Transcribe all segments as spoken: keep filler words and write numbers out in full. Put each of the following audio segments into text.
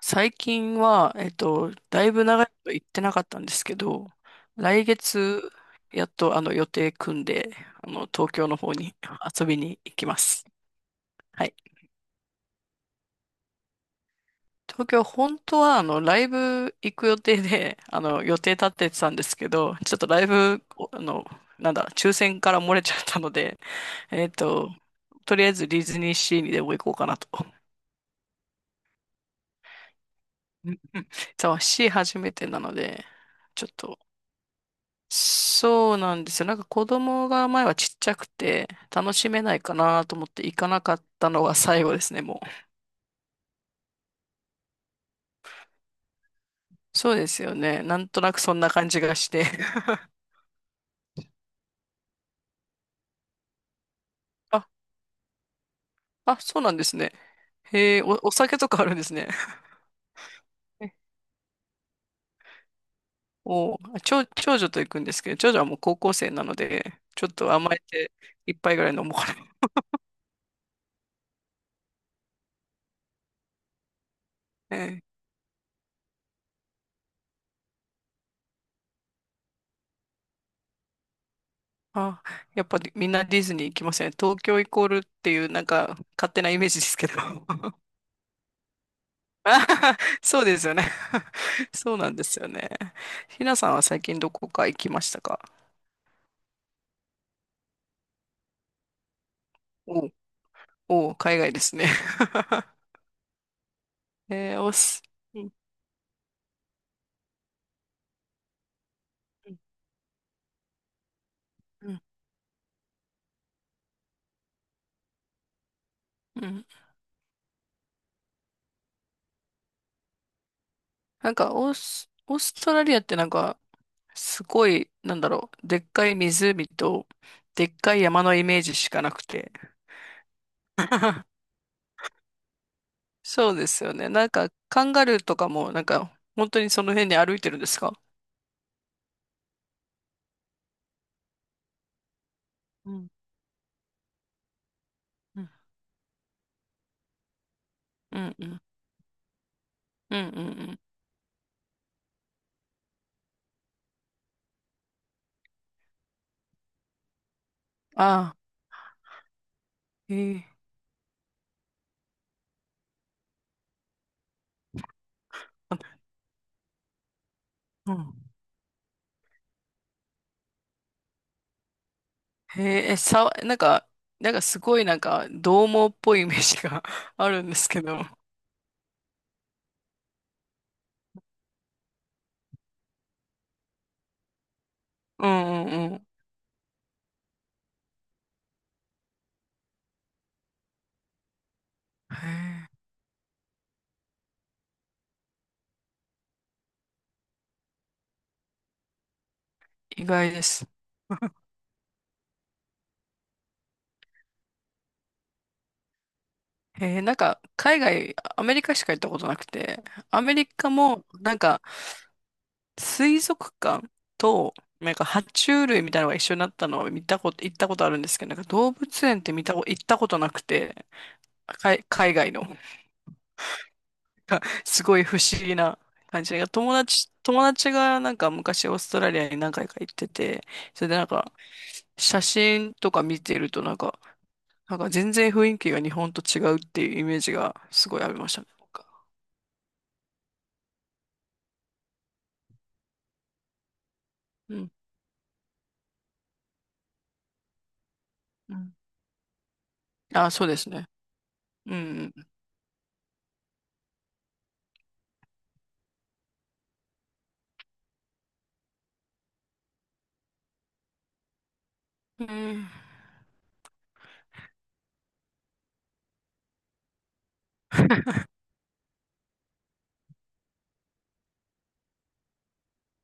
最近は、えっと、だいぶ長いこと行ってなかったんですけど、来月、やっとあの予定組んで、あの、東京の方に 遊びに行きます。はい。東京、本当はあの、ライブ行く予定で、あの、予定立っててたんですけど、ちょっとライブ、おあの、なんだ、抽選から漏れちゃったので、えっと、とりあえずディズニーシーにでも行こうかなと。そう、シー初めてなので、ちょっと、そうなんですよ。なんか子供が前はちっちゃくて楽しめないかなと思って行かなかったのが最後ですね、もう。そうですよね。なんとなくそんな感じがして。あ、あ、そうなんですね。へえ、お、お酒とかあるんですね。えお、あ長、長女と行くんですけど、長女はもう高校生なので、ちょっと甘えて一杯ぐらい飲もうかな。ええ、あ、やっぱりみんなディズニー行きません。東京イコールっていうなんか勝手なイメージですけど。あはは、そうですよね。そうなんですよね。ひなさんは最近どこか行きましたか？おう、おう、海外ですね。えー、オース、うん、うん、うん、うん。なんかオース、オーストラリアってなんか、すごい、なんだろう、でっかい湖と、でっかい山のイメージしかなくて。そうですよね。なんか、カンガルーとかも、なんか、本当にその辺に歩いてるんですか？うん、うん、うん、うん、うん、うん、うん。ああ、ええ。へえ、えさ、なんか、なんかすごいなんか、獰猛っぽいイメージが あるんですけど。うん、うん、うん。意外です。へえ、なんか、海外、アメリカしか行ったことなくて、アメリカも、なんか、水族館と、なんか、爬虫類みたいなのが一緒になったのを見たこと、行ったことあるんですけど、なんか動物園って見たこ、行ったことなくて、海、海外の。なんかすごい不思議な感じが、友達、友達がなんか昔オーストラリアに何回か行ってて、それでなんか写真とか見てるとなんか、なんか全然雰囲気が日本と違うっていうイメージがすごいありましたね。なんか、うん。うん。あ、そうですね。うん。うん。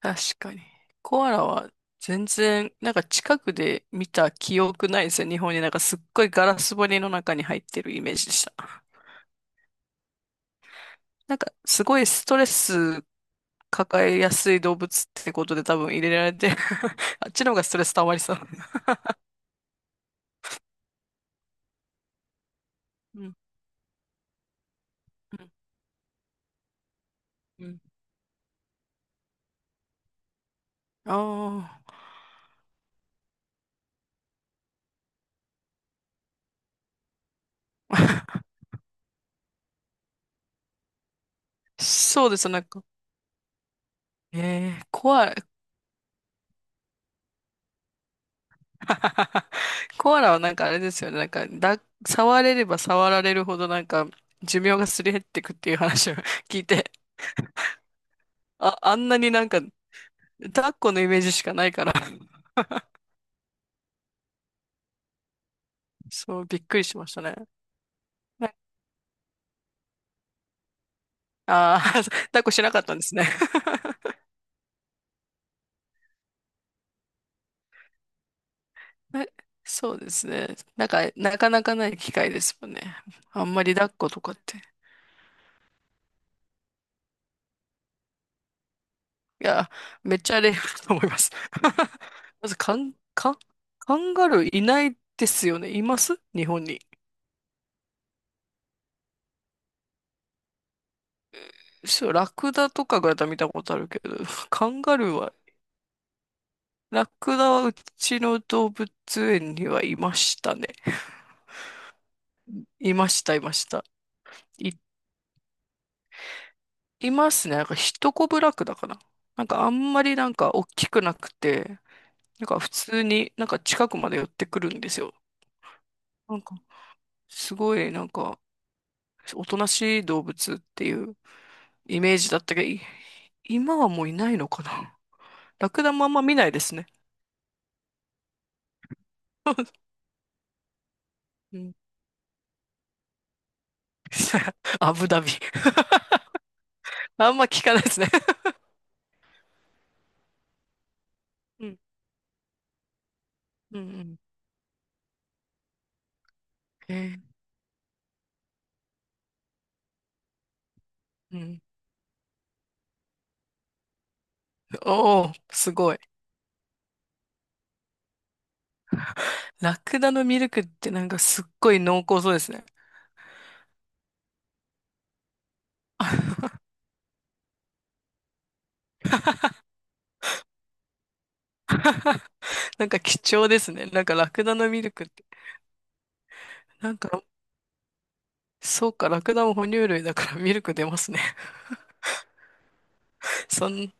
確かに。コアラは全然、なんか近くで見た記憶ないですよ。日本になんかすっごいガラス張りの中に入ってるイメージでした。なんかすごいストレス抱えやすい動物ってことで多分入れられてる。 あっちの方がストレス溜まりそう。うん、うん、うん。ああ。そうです、なんか。えー、コアラ、コアラはなんかあれですよね。なんか、だ、触れれば触られるほどなんか、寿命がすり減ってくっていう話を 聞いて、あ、あんなになんか、抱っこのイメージしかないから、そう、びっくりしましたね。ああー、抱っこしなかったんですね。え、そうですね。なんか、なかなかない機会ですもんね。あんまり抱っことかって。いや、めっちゃレアだと思います。まず、カン、カン、カンガルーいないですよね。います日本に？そう、ラクダとかぐらいだったら見たことあるけど、カンガルーは、ラクダはうちの動物園にはいましたね。いました、いました。い、いますね。なんか、ヒトコブラクダかな。なんか、あんまりなんか、大きくなくて、なんか普通になんか近くまで寄ってくるんですよ。なんかすごいなんかおとなしい動物っていうイメージだったけど、い今はもういないのかな。ラクダもあんま見ないですね。うん。アブダビ。あんま聞かないですね。うん。うん。うん。えー、うん。おお、すごい。ラクダのミルクってなんかすっごい濃厚そうですね。なんか貴重ですね。なんかラクダのミルクって。なんか、そうか、ラクダも哺乳類だからミルク出ますね。そん、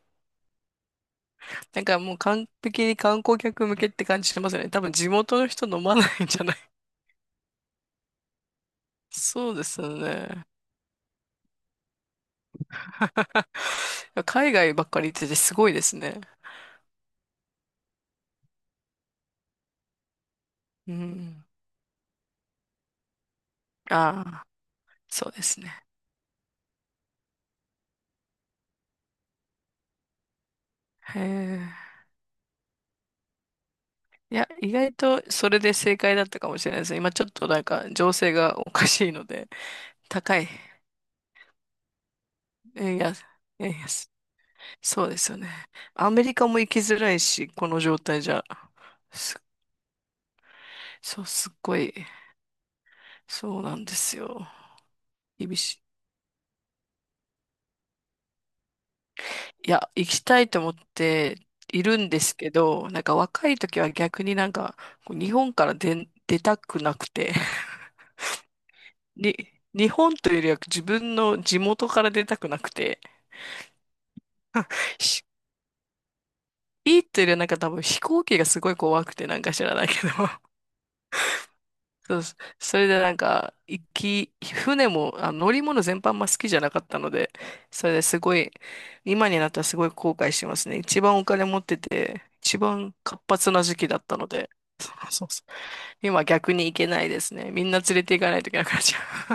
なんかもう完璧に観光客向けって感じしてますよね。多分地元の人飲まないんじゃない？ そうですよね。海外ばっかり行っててすごいですね。うん。ああ、そうですね。へえ。いや、意外とそれで正解だったかもしれないですね。今ちょっとなんか情勢がおかしいので、高い。えいや、えいや、すそうですよね。アメリカも行きづらいし、この状態じゃ。すそう、すっごい、そうなんですよ。厳しい。いや、行きたいと思っているんですけど、なんか若い時は逆になんか、こう日本から出、出たくなくて、に、日本というよりは自分の地元から出たくなくて、しいいというよりはなんか多分飛行機がすごい怖くてなんか知らないけど、そうです。それでなんか、行き、船も、あ、乗り物全般も好きじゃなかったので、それですごい、今になったらすごい後悔してますね。一番お金持ってて、一番活発な時期だったので、そう、そう、そう。今逆に行けないですね。みんな連れて行かないといけなくなっちゃう。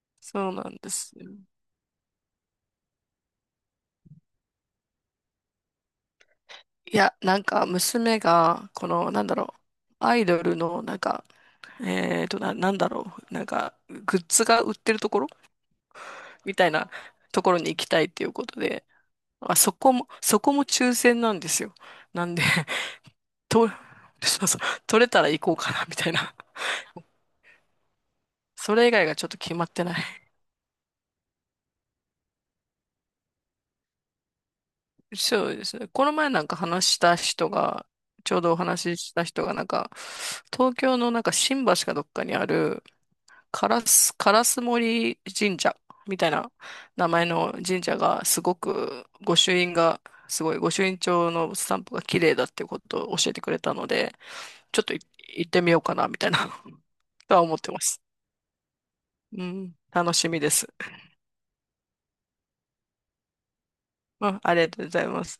そうなんですよ。いや、なんか娘が、この、なんだろう、アイドルの、なんか、えーと、な、なんだろう、なんか、グッズが売ってるところみたいなところに行きたいっていうことで、あ、そこも、そこも抽選なんですよ。なんで、と、そうそう、取れたら行こうかな、みたいな。それ以外がちょっと決まってない。そうですね。この前なんか話した人が、ちょうどお話しした人がなんか、東京のなんか新橋かどっかにある、カラス、烏森神社みたいな名前の神社がすごく御朱印がすごい御朱印帳のスタンプが綺麗だっていうことを教えてくれたので、ちょっとい行ってみようかなみたいな とは思ってます。うん、楽しみです。うん、ありがとうございます。